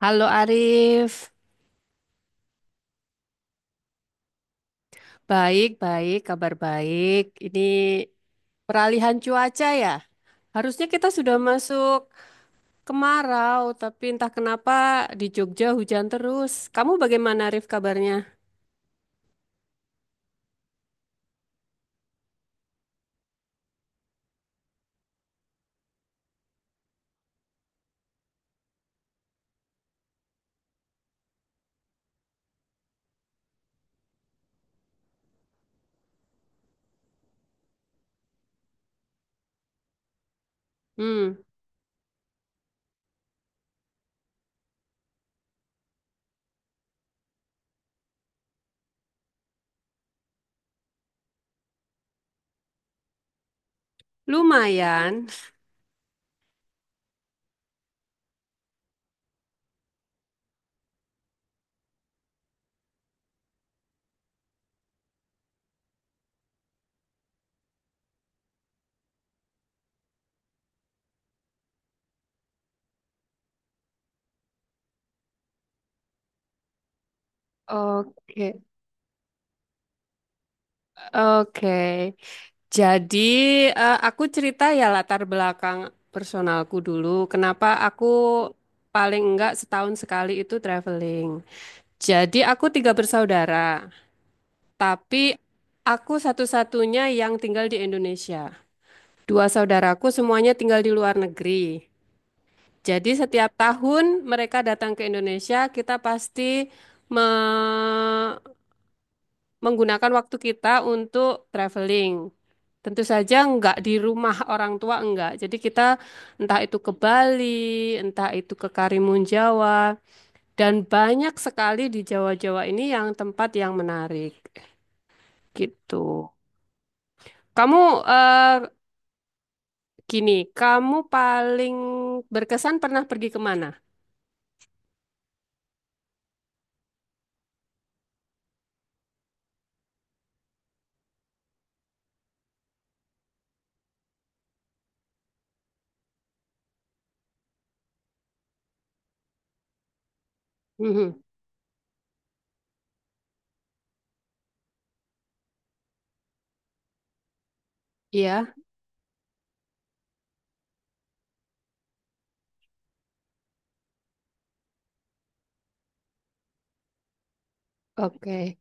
Halo Arif, baik-baik, kabar baik. Ini peralihan cuaca ya. Harusnya kita sudah masuk kemarau, tapi entah kenapa di Jogja hujan terus. Kamu bagaimana Arif kabarnya? Hmm, lumayan. Oke, oke. Jadi aku cerita ya latar belakang personalku dulu. Kenapa aku paling enggak setahun sekali itu traveling. Jadi aku tiga bersaudara. Tapi aku satu-satunya yang tinggal di Indonesia. Dua saudaraku semuanya tinggal di luar negeri. Jadi setiap tahun mereka datang ke Indonesia, kita pasti me- menggunakan waktu kita untuk traveling. Tentu saja enggak di rumah orang tua enggak. Jadi kita entah itu ke Bali, entah itu ke Karimun Jawa, dan banyak sekali di Jawa-Jawa ini yang tempat yang menarik gitu. Kamu eh, Gini, kamu paling berkesan pernah pergi kemana? Mhm. Iya, oke.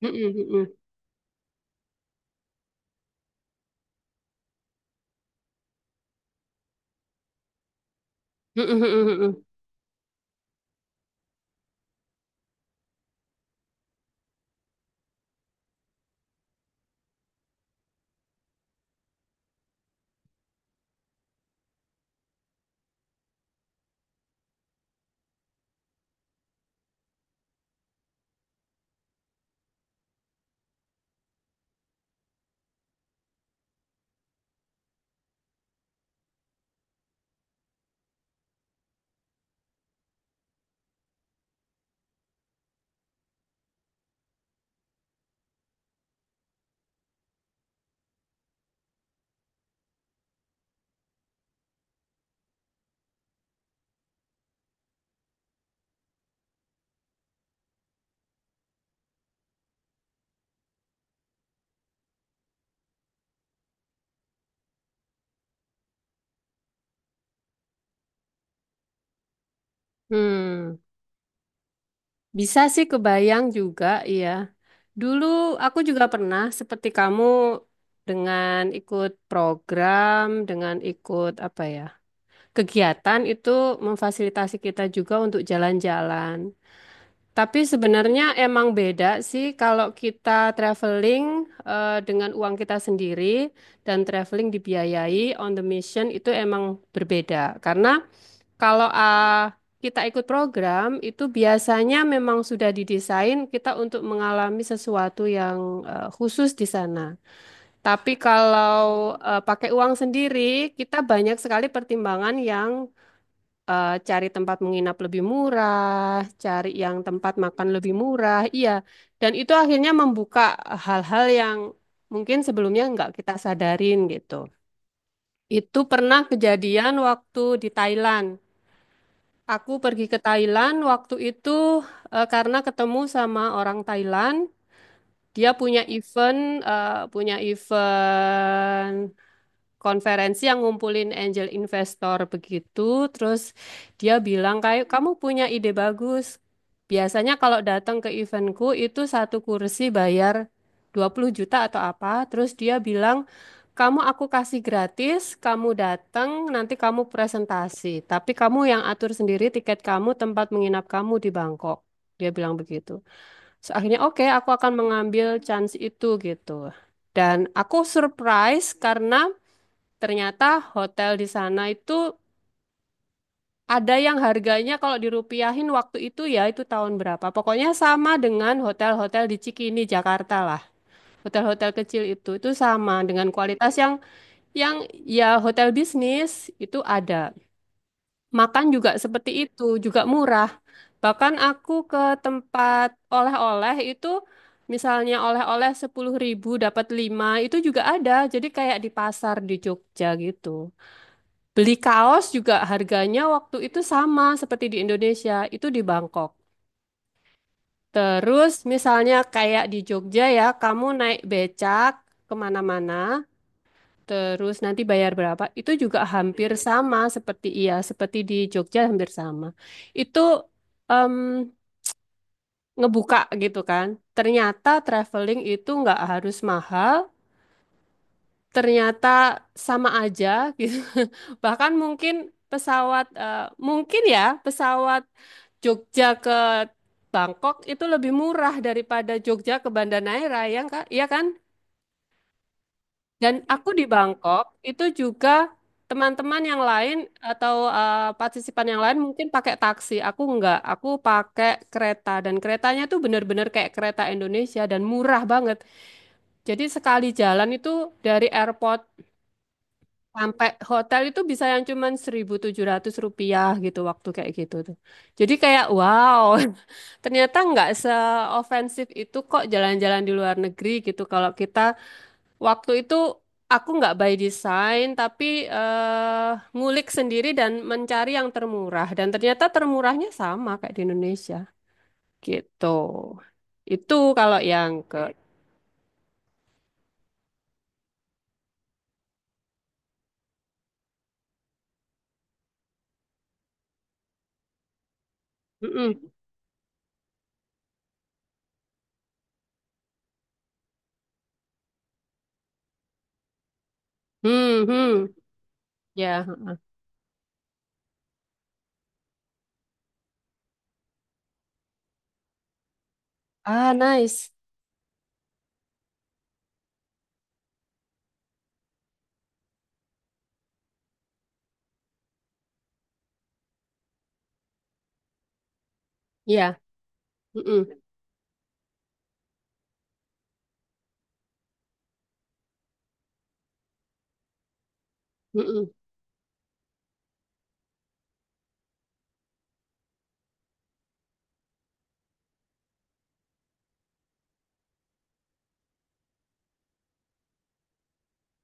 Mhm, mhm. Mhm, mhm, mhm. Hmm, Bisa sih kebayang juga, iya. Dulu aku juga pernah seperti kamu dengan ikut program, dengan ikut apa ya, kegiatan itu memfasilitasi kita juga untuk jalan-jalan. Tapi sebenarnya emang beda sih kalau kita traveling dengan uang kita sendiri dan traveling dibiayai on the mission itu emang berbeda. Karena kalau kita ikut program itu biasanya memang sudah didesain kita untuk mengalami sesuatu yang khusus di sana. Tapi kalau pakai uang sendiri, kita banyak sekali pertimbangan yang cari tempat menginap lebih murah, cari yang tempat makan lebih murah, iya. Dan itu akhirnya membuka hal-hal yang mungkin sebelumnya nggak kita sadarin gitu. Itu pernah kejadian waktu di Thailand. Aku pergi ke Thailand waktu itu karena ketemu sama orang Thailand. Dia punya event konferensi yang ngumpulin angel investor begitu. Terus dia bilang kayak kamu punya ide bagus. Biasanya kalau datang ke eventku itu satu kursi bayar 20 juta atau apa. Terus dia bilang kamu aku kasih gratis, kamu datang, nanti kamu presentasi. Tapi kamu yang atur sendiri tiket kamu, tempat menginap kamu di Bangkok. Dia bilang begitu. So, akhirnya oke, aku akan mengambil chance itu gitu. Dan aku surprise karena ternyata hotel di sana itu ada yang harganya kalau dirupiahin waktu itu ya itu tahun berapa. Pokoknya sama dengan hotel-hotel di Cikini, Jakarta lah. Hotel-hotel kecil itu sama dengan kualitas yang yang ya hotel bisnis itu ada. Makan juga seperti itu, juga murah. Bahkan aku ke tempat oleh-oleh itu misalnya oleh-oleh 10 ribu dapat 5 itu juga ada. Jadi kayak di pasar di Jogja gitu. Beli kaos juga harganya waktu itu sama seperti di Indonesia, itu di Bangkok. Terus misalnya kayak di Jogja ya, kamu naik becak kemana-mana, terus nanti bayar berapa, itu juga hampir sama seperti iya, seperti di Jogja hampir sama. Itu em, ngebuka gitu kan. Ternyata traveling itu nggak harus mahal, ternyata sama aja gitu. Bahkan mungkin ya pesawat Jogja ke Bangkok itu lebih murah daripada Jogja ke Banda Neira ya Kak? Iya kan? Dan aku di Bangkok itu juga teman-teman yang lain atau partisipan yang lain mungkin pakai taksi. Aku enggak, aku pakai kereta dan keretanya tuh bener-bener kayak kereta Indonesia dan murah banget. Jadi sekali jalan itu dari airport sampai hotel itu bisa yang cuman 1.700 rupiah gitu waktu kayak gitu tuh. Jadi kayak wow, ternyata nggak seofensif itu kok jalan-jalan di luar negeri gitu. Kalau kita waktu itu aku nggak by design tapi ngulik sendiri dan mencari yang termurah. Dan ternyata termurahnya sama kayak di Indonesia gitu. Itu kalau yang ke... Mm-mm. Hmm, hmm. Ya. Hmm. Ah, nice. Ya. Mm-mm. Mm-mm.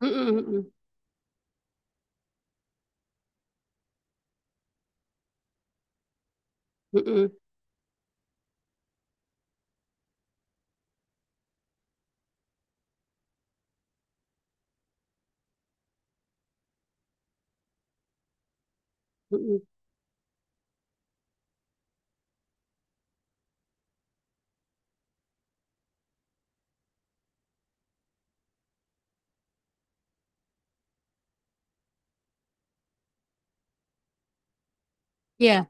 Mhm, mhm, mhm, mhm. Iya.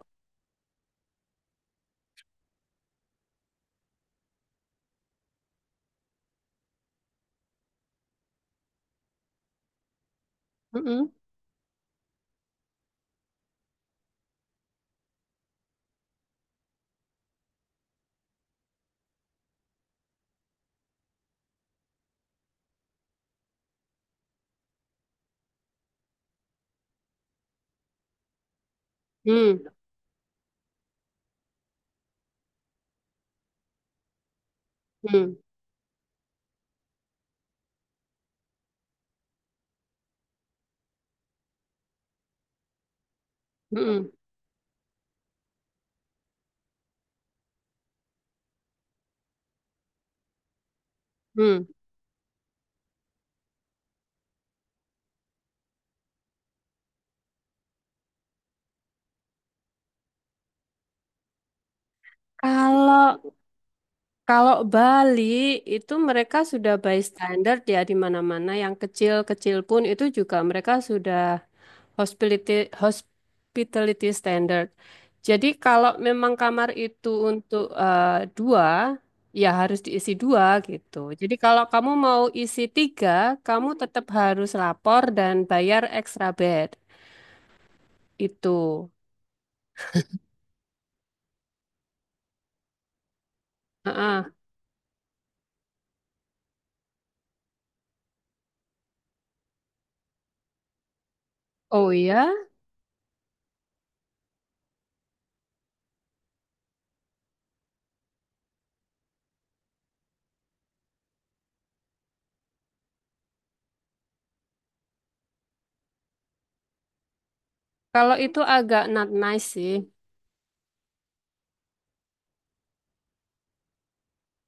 Mhm. Mhm. Mhm. Mhm. Mhm. Kalau kalau Bali itu mereka sudah by standard ya di mana-mana yang kecil-kecil pun itu juga mereka sudah hospitality hospitality standard. Jadi kalau memang kamar itu untuk dua ya harus diisi dua gitu. Jadi kalau kamu mau isi tiga, kamu tetap harus lapor dan bayar extra bed itu. Heeh. Oh iya, kalau itu agak not nice sih.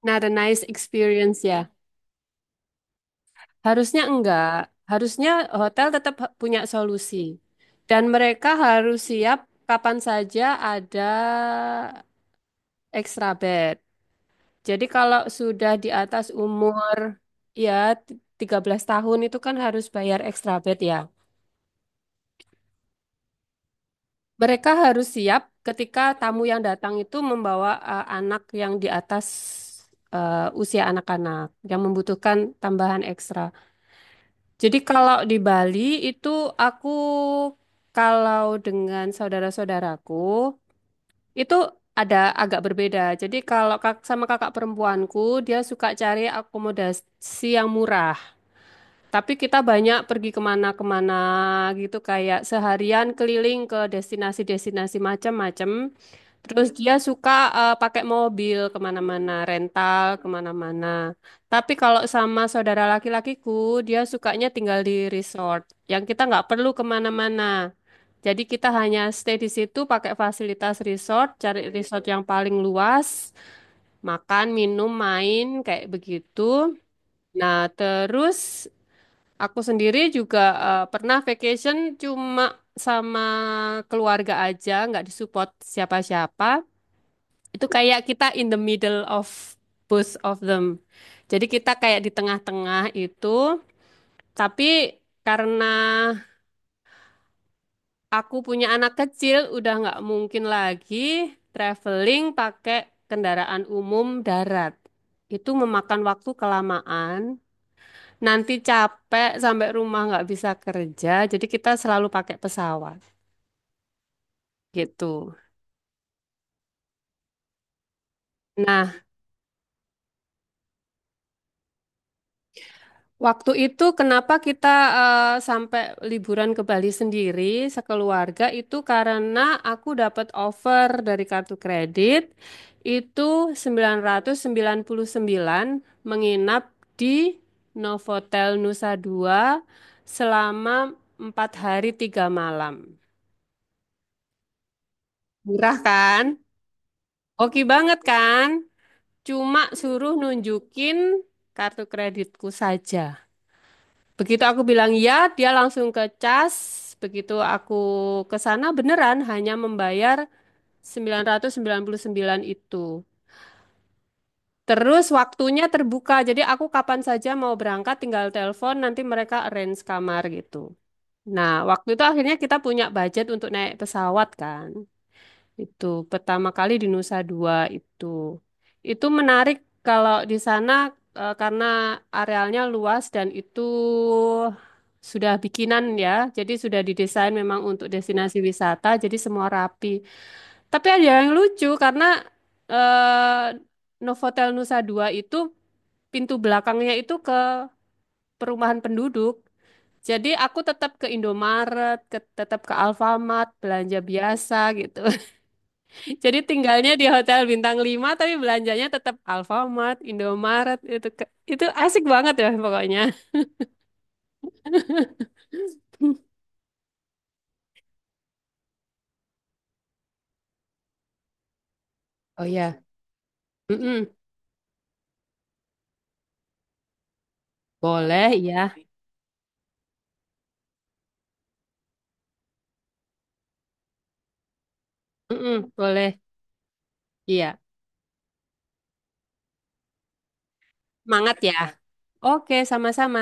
Not a nice experience ya. Harusnya enggak. Harusnya hotel tetap punya solusi. Dan mereka harus siap kapan saja ada extra bed. Jadi kalau sudah di atas umur ya 13 tahun itu kan harus bayar extra bed ya. Mereka harus siap ketika tamu yang datang itu membawa anak yang di atas usia anak-anak yang membutuhkan tambahan ekstra. Jadi kalau di Bali itu aku kalau dengan saudara-saudaraku itu ada agak berbeda. Jadi kalau sama kakak perempuanku dia suka cari akomodasi yang murah. Tapi kita banyak pergi kemana-kemana gitu kayak seharian keliling ke destinasi-destinasi macam-macam. Terus dia suka pakai mobil kemana-mana, rental kemana-mana. Tapi kalau sama saudara laki-lakiku, dia sukanya tinggal di resort, yang kita nggak perlu kemana-mana. Jadi kita hanya stay di situ pakai fasilitas resort, cari resort yang paling luas, makan, minum, main, kayak begitu. Nah, terus aku sendiri juga pernah vacation cuma sama keluarga aja, nggak disupport siapa-siapa. Itu kayak kita in the middle of both of them. Jadi kita kayak di tengah-tengah itu, tapi karena aku punya anak kecil, udah nggak mungkin lagi traveling pakai kendaraan umum darat. Itu memakan waktu kelamaan, nanti capek sampai rumah nggak bisa kerja, jadi kita selalu pakai pesawat gitu. Nah, waktu itu kenapa kita sampai liburan ke Bali sendiri sekeluarga itu karena aku dapat offer dari kartu kredit itu 999 menginap di Novotel Nusa Dua selama 4 hari 3 malam. Murah kan? Oke banget kan? Cuma suruh nunjukin kartu kreditku saja. Begitu aku bilang ya, dia langsung ke cas. Begitu aku ke sana beneran hanya membayar 999 itu. Terus waktunya terbuka, jadi aku kapan saja mau berangkat tinggal telepon, nanti mereka arrange kamar gitu. Nah, waktu itu akhirnya kita punya budget untuk naik pesawat kan. Itu pertama kali di Nusa Dua itu. Itu menarik kalau di sana karena arealnya luas dan itu sudah bikinan ya. Jadi sudah didesain memang untuk destinasi wisata, jadi semua rapi. Tapi ada yang lucu karena eh, Novotel Nusa Dua itu pintu belakangnya itu ke perumahan penduduk. Jadi aku tetap ke Indomaret, tetap ke Alfamart, belanja biasa gitu. Jadi tinggalnya di hotel bintang 5, tapi belanjanya tetap Alfamart, Indomaret itu asik banget ya pokoknya. Oh iya. Mm-mm. Boleh ya. Mm-mm. Boleh. Iya. Semangat ya. Oke, sama-sama.